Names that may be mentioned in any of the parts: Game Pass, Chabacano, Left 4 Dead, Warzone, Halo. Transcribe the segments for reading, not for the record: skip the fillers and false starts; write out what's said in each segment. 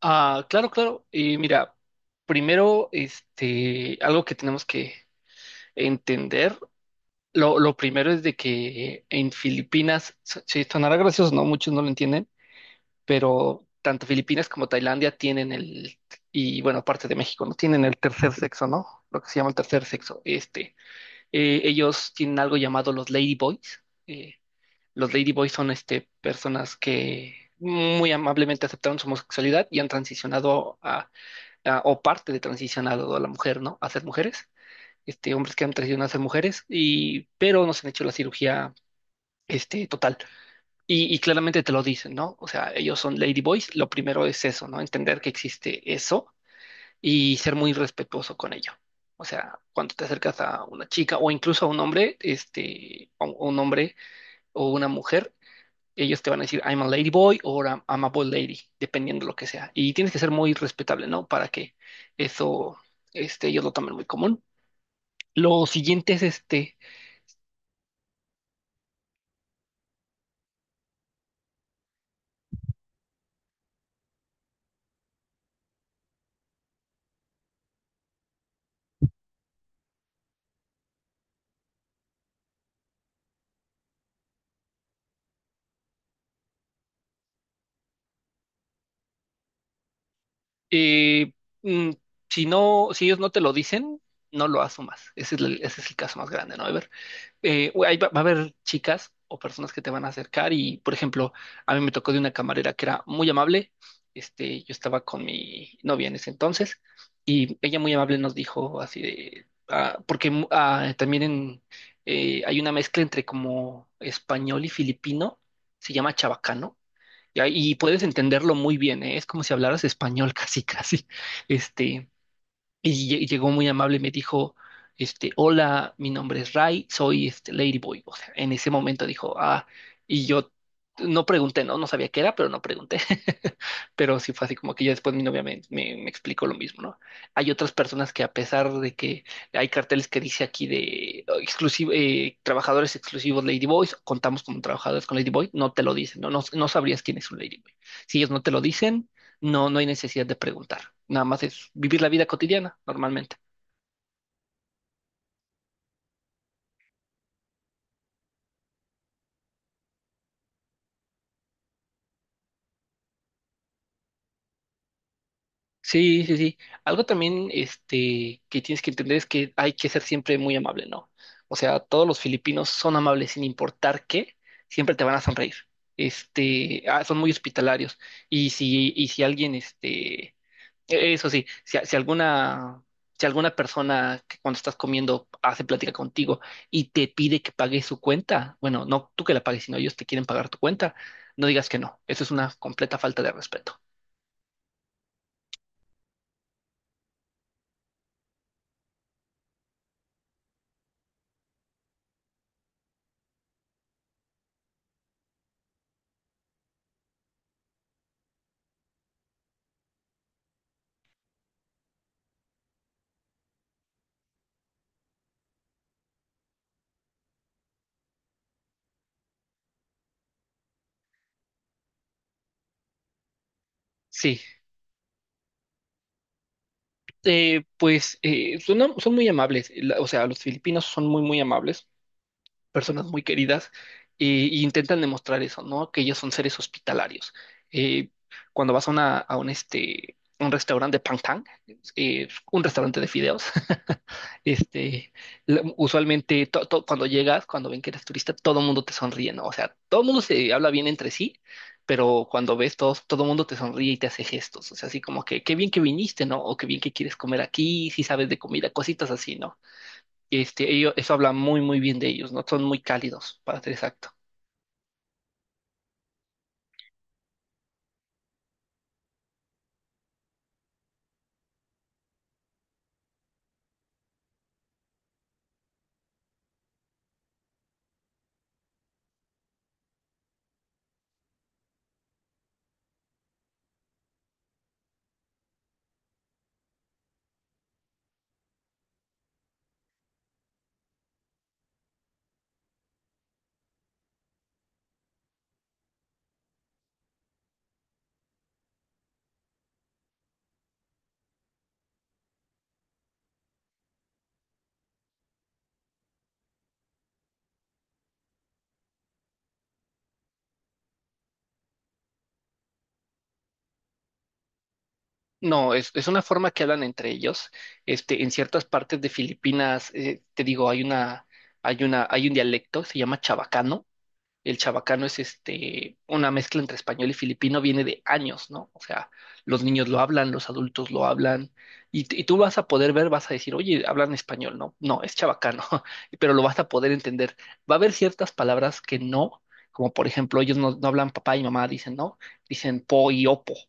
Ah, claro, claro. Y mira, primero, algo que tenemos que entender, lo primero es de que en Filipinas, sí, sonará gracioso, ¿no? Muchos no lo entienden, pero tanto Filipinas como Tailandia y bueno, aparte de México, ¿no? Tienen el tercer sexo, ¿no? Lo que se llama el tercer sexo. Ellos tienen algo llamado los ladyboys. Los ladyboys son, personas que muy amablemente aceptaron su homosexualidad y han transicionado o parte de transicionado a la mujer, ¿no? A ser mujeres, hombres que han transicionado a ser mujeres, pero no se han hecho la cirugía, total. Y claramente te lo dicen, ¿no? O sea, ellos son ladyboys, lo primero es eso, ¿no? Entender que existe eso y ser muy respetuoso con ello. O sea, cuando te acercas a una chica o incluso a un hombre, a un hombre o una mujer, ellos te van a decir, I'm a lady boy o I'm a boy lady, dependiendo lo que sea. Y tienes que ser muy respetable, ¿no? Para que eso, ellos lo tomen muy común. Lo siguiente es eh, mm, si no, si ellos no te lo dicen, no lo asumas. Ese es el caso más grande, ¿no? Ever? Va a haber chicas o personas que te van a acercar y, por ejemplo, a mí me tocó de una camarera que era muy amable. Yo estaba con mi novia en ese entonces y ella muy amable nos dijo así de, porque también hay una mezcla entre como español y filipino, se llama chabacano. Y puedes entenderlo muy bien, ¿eh? Es como si hablaras español casi, casi. Este, y llegó muy amable y me dijo, hola, mi nombre es Ray, soy Ladyboy. O sea, en ese momento dijo, y yo no pregunté, no sabía qué era, pero no pregunté. Pero sí fue así como que ya después mi novia me explicó lo mismo, ¿no? Hay otras personas que a pesar de que hay carteles que dice aquí de exclusivo, trabajadores exclusivos Ladyboys, contamos como trabajadores con Ladyboy, no te lo dicen, no sabrías quién es un Ladyboy. Si ellos no te lo dicen, no hay necesidad de preguntar. Nada más es vivir la vida cotidiana normalmente. Sí, sí, sí. Algo también, que tienes que entender es que hay que ser siempre muy amable, ¿no? O sea, todos los filipinos son amables sin importar qué, siempre te van a sonreír. Son muy hospitalarios. Y si alguien, este, E-, Eso sí, si alguna persona que cuando estás comiendo hace plática contigo y te pide que pagues su cuenta, bueno, no tú que la pagues, sino ellos te quieren pagar tu cuenta, no digas que no. Eso es una completa falta de respeto. Sí, pues son muy amables. O sea, los filipinos son muy, muy amables. Personas muy queridas e intentan demostrar eso, ¿no? Que ellos son seres hospitalarios. Eh, Cuando vas a un restaurante de Pangtang, un restaurante de fideos, este, usualmente cuando llegas, cuando ven que eres turista, todo el mundo te sonríe, ¿no? O sea, todo el mundo se habla bien entre sí, pero cuando ves todo el mundo te sonríe y te hace gestos, o sea, así como que qué bien que viniste, ¿no? O qué bien que quieres comer aquí, si sabes de comida, cositas así, ¿no? Ellos eso habla muy, muy bien de ellos, ¿no? Son muy cálidos, para ser exacto. No, es una forma que hablan entre ellos. En ciertas partes de Filipinas, te digo, hay un dialecto. Se llama chabacano. El chabacano es una mezcla entre español y filipino, viene de años, ¿no? O sea, los niños lo hablan, los adultos lo hablan, y tú vas a poder ver, vas a decir, oye, hablan español, ¿no? No, es chabacano, pero lo vas a poder entender. Va a haber ciertas palabras que no, como por ejemplo, ellos no hablan papá y mamá, dicen, ¿no? Dicen po y opo, o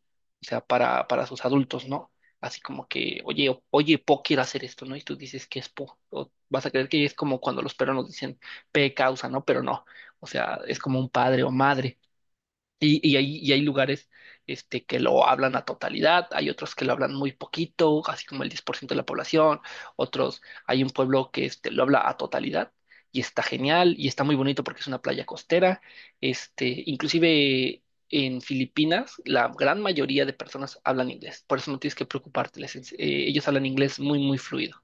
sea, para sus adultos, ¿no? Así como que, oye, oye, po quiere hacer esto, ¿no? Y tú dices que es po, o vas a creer que es como cuando los peruanos dicen pe causa, ¿no? Pero no. O sea, es como un padre o madre. Y hay lugares que lo hablan a totalidad, hay otros que lo hablan muy poquito, así como el 10% de la población, otros, hay un pueblo que lo habla a totalidad y está genial y está muy bonito porque es una playa costera. Inclusive en Filipinas, la gran mayoría de personas hablan inglés, por eso no tienes que preocuparte, ellos hablan inglés muy, muy fluido.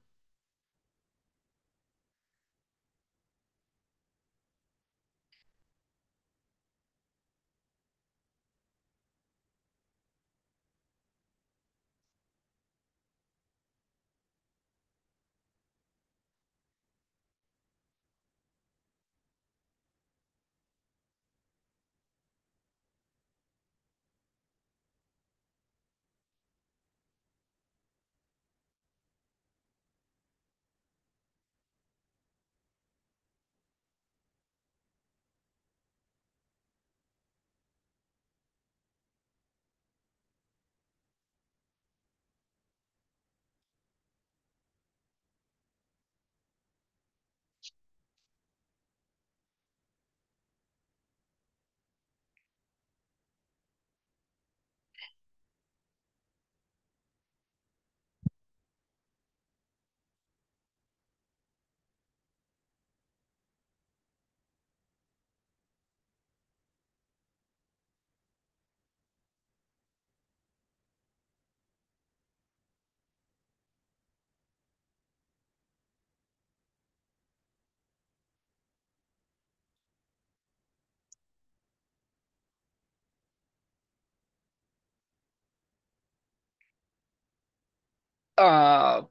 Ah.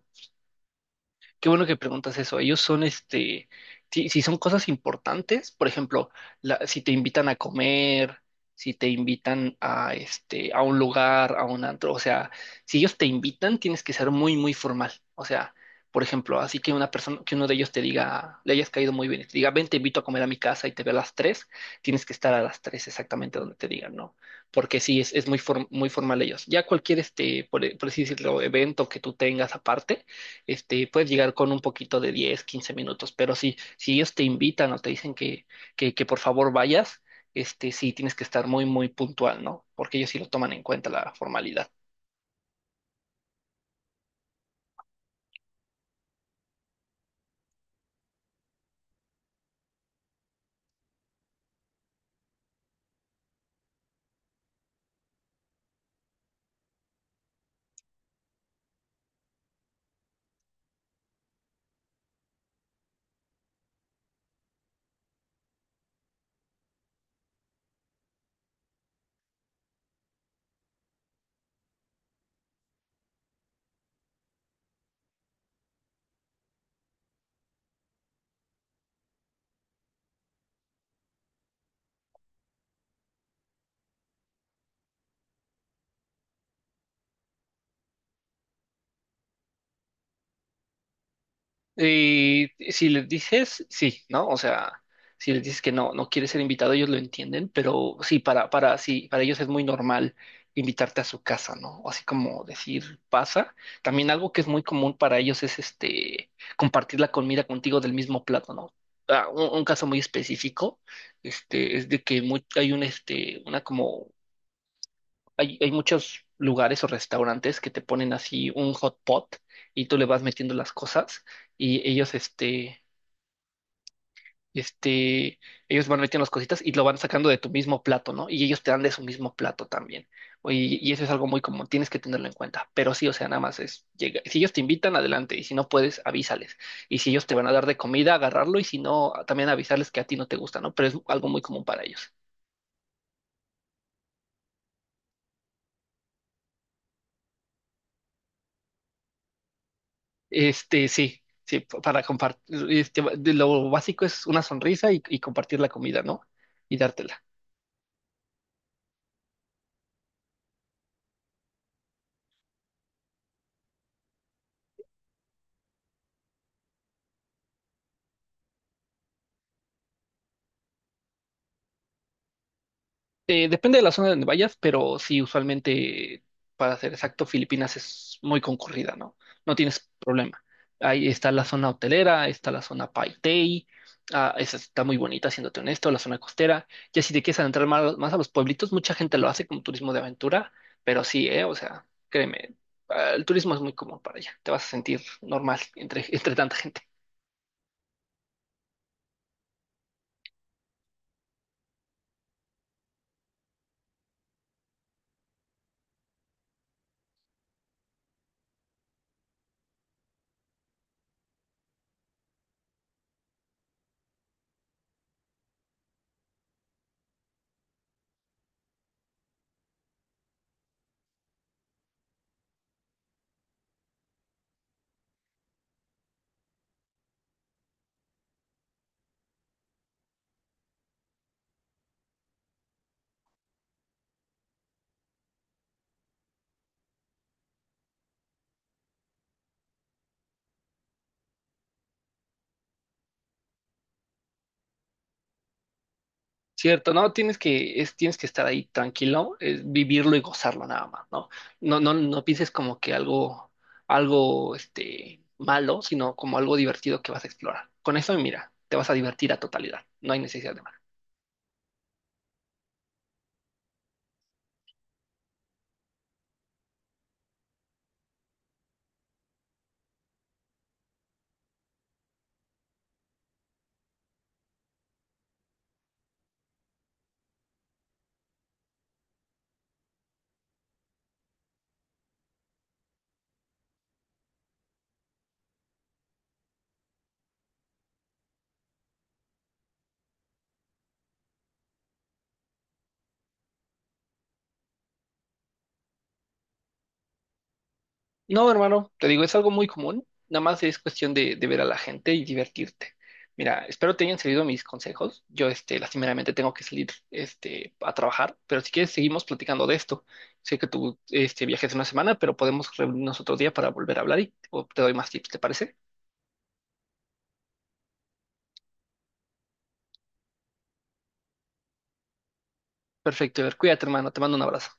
Qué bueno que preguntas eso. Ellos son, si son cosas importantes, por ejemplo, si te invitan a comer, si te invitan a un lugar, a un antro, o sea, si ellos te invitan, tienes que ser muy, muy formal. O sea, por ejemplo, así que una persona, que uno de ellos te diga, le hayas caído muy bien y te diga, ven, te invito a comer a mi casa y te veo a las 3, tienes que estar a las 3 exactamente donde te digan, ¿no? Porque sí, es muy formal ellos. Ya cualquier, por así decirlo, evento que tú tengas aparte puedes llegar con un poquito de 10 15 minutos, pero si ellos te invitan o te dicen que por favor vayas, sí tienes que estar muy, muy puntual, ¿no? Porque ellos sí lo toman en cuenta la formalidad. Y si les dices sí, ¿no? O sea, si les dices que no, no quieres ser invitado, ellos lo entienden, pero sí, sí, para ellos es muy normal invitarte a su casa, ¿no? O así como decir, pasa. También algo que es muy común para ellos es compartir la comida contigo del mismo plato, ¿no? Ah, un caso muy específico, es de que hay un, una como hay muchos lugares o restaurantes que te ponen así un hot pot y tú le vas metiendo las cosas y elloseste, ellos van metiendo las cositas y lo van sacando de tu mismo plato, ¿no? Y ellos te dan de su mismo plato también. Y eso es algo muy común, tienes que tenerlo en cuenta. Pero sí, o sea, nada más es, llega. Si ellos te invitan, adelante. Y si no puedes, avísales. Y si ellos te van a dar de comida, agarrarlo. Y si no, también avisarles que a ti no te gusta, ¿no? Pero es algo muy común para ellos. Sí, sí, para compartir, de lo básico es una sonrisa y compartir la comida, ¿no? Y dártela. Depende de la zona donde vayas, pero sí, usualmente, para ser exacto, Filipinas es muy concurrida, ¿no? No tienes problema. Ahí está la zona hotelera, está la zona Paitei, esa está muy bonita, siéndote honesto, la zona costera. Ya si te quieres adentrar más, más a los pueblitos, mucha gente lo hace como turismo de aventura, pero sí, o sea, créeme, el turismo es muy común para allá, te vas a sentir normal entre, entre tanta gente. Cierto, no, tienes que estar ahí tranquilo, es vivirlo y gozarlo nada más, ¿no? No, no, no pienses como que algo, malo, sino como algo divertido que vas a explorar. Con eso, mira, te vas a divertir a totalidad, no hay necesidad de. No, hermano, te digo, es algo muy común, nada más es cuestión de ver a la gente y divertirte. Mira, espero te hayan servido mis consejos. Yo, lastimeramente tengo que salir, a trabajar, pero si quieres seguimos platicando de esto. Sé que tú, viajes una semana, pero podemos reunirnos otro día para volver a hablar y o te doy más tips, ¿te parece? Perfecto, Ever, cuídate, hermano, te mando un abrazo.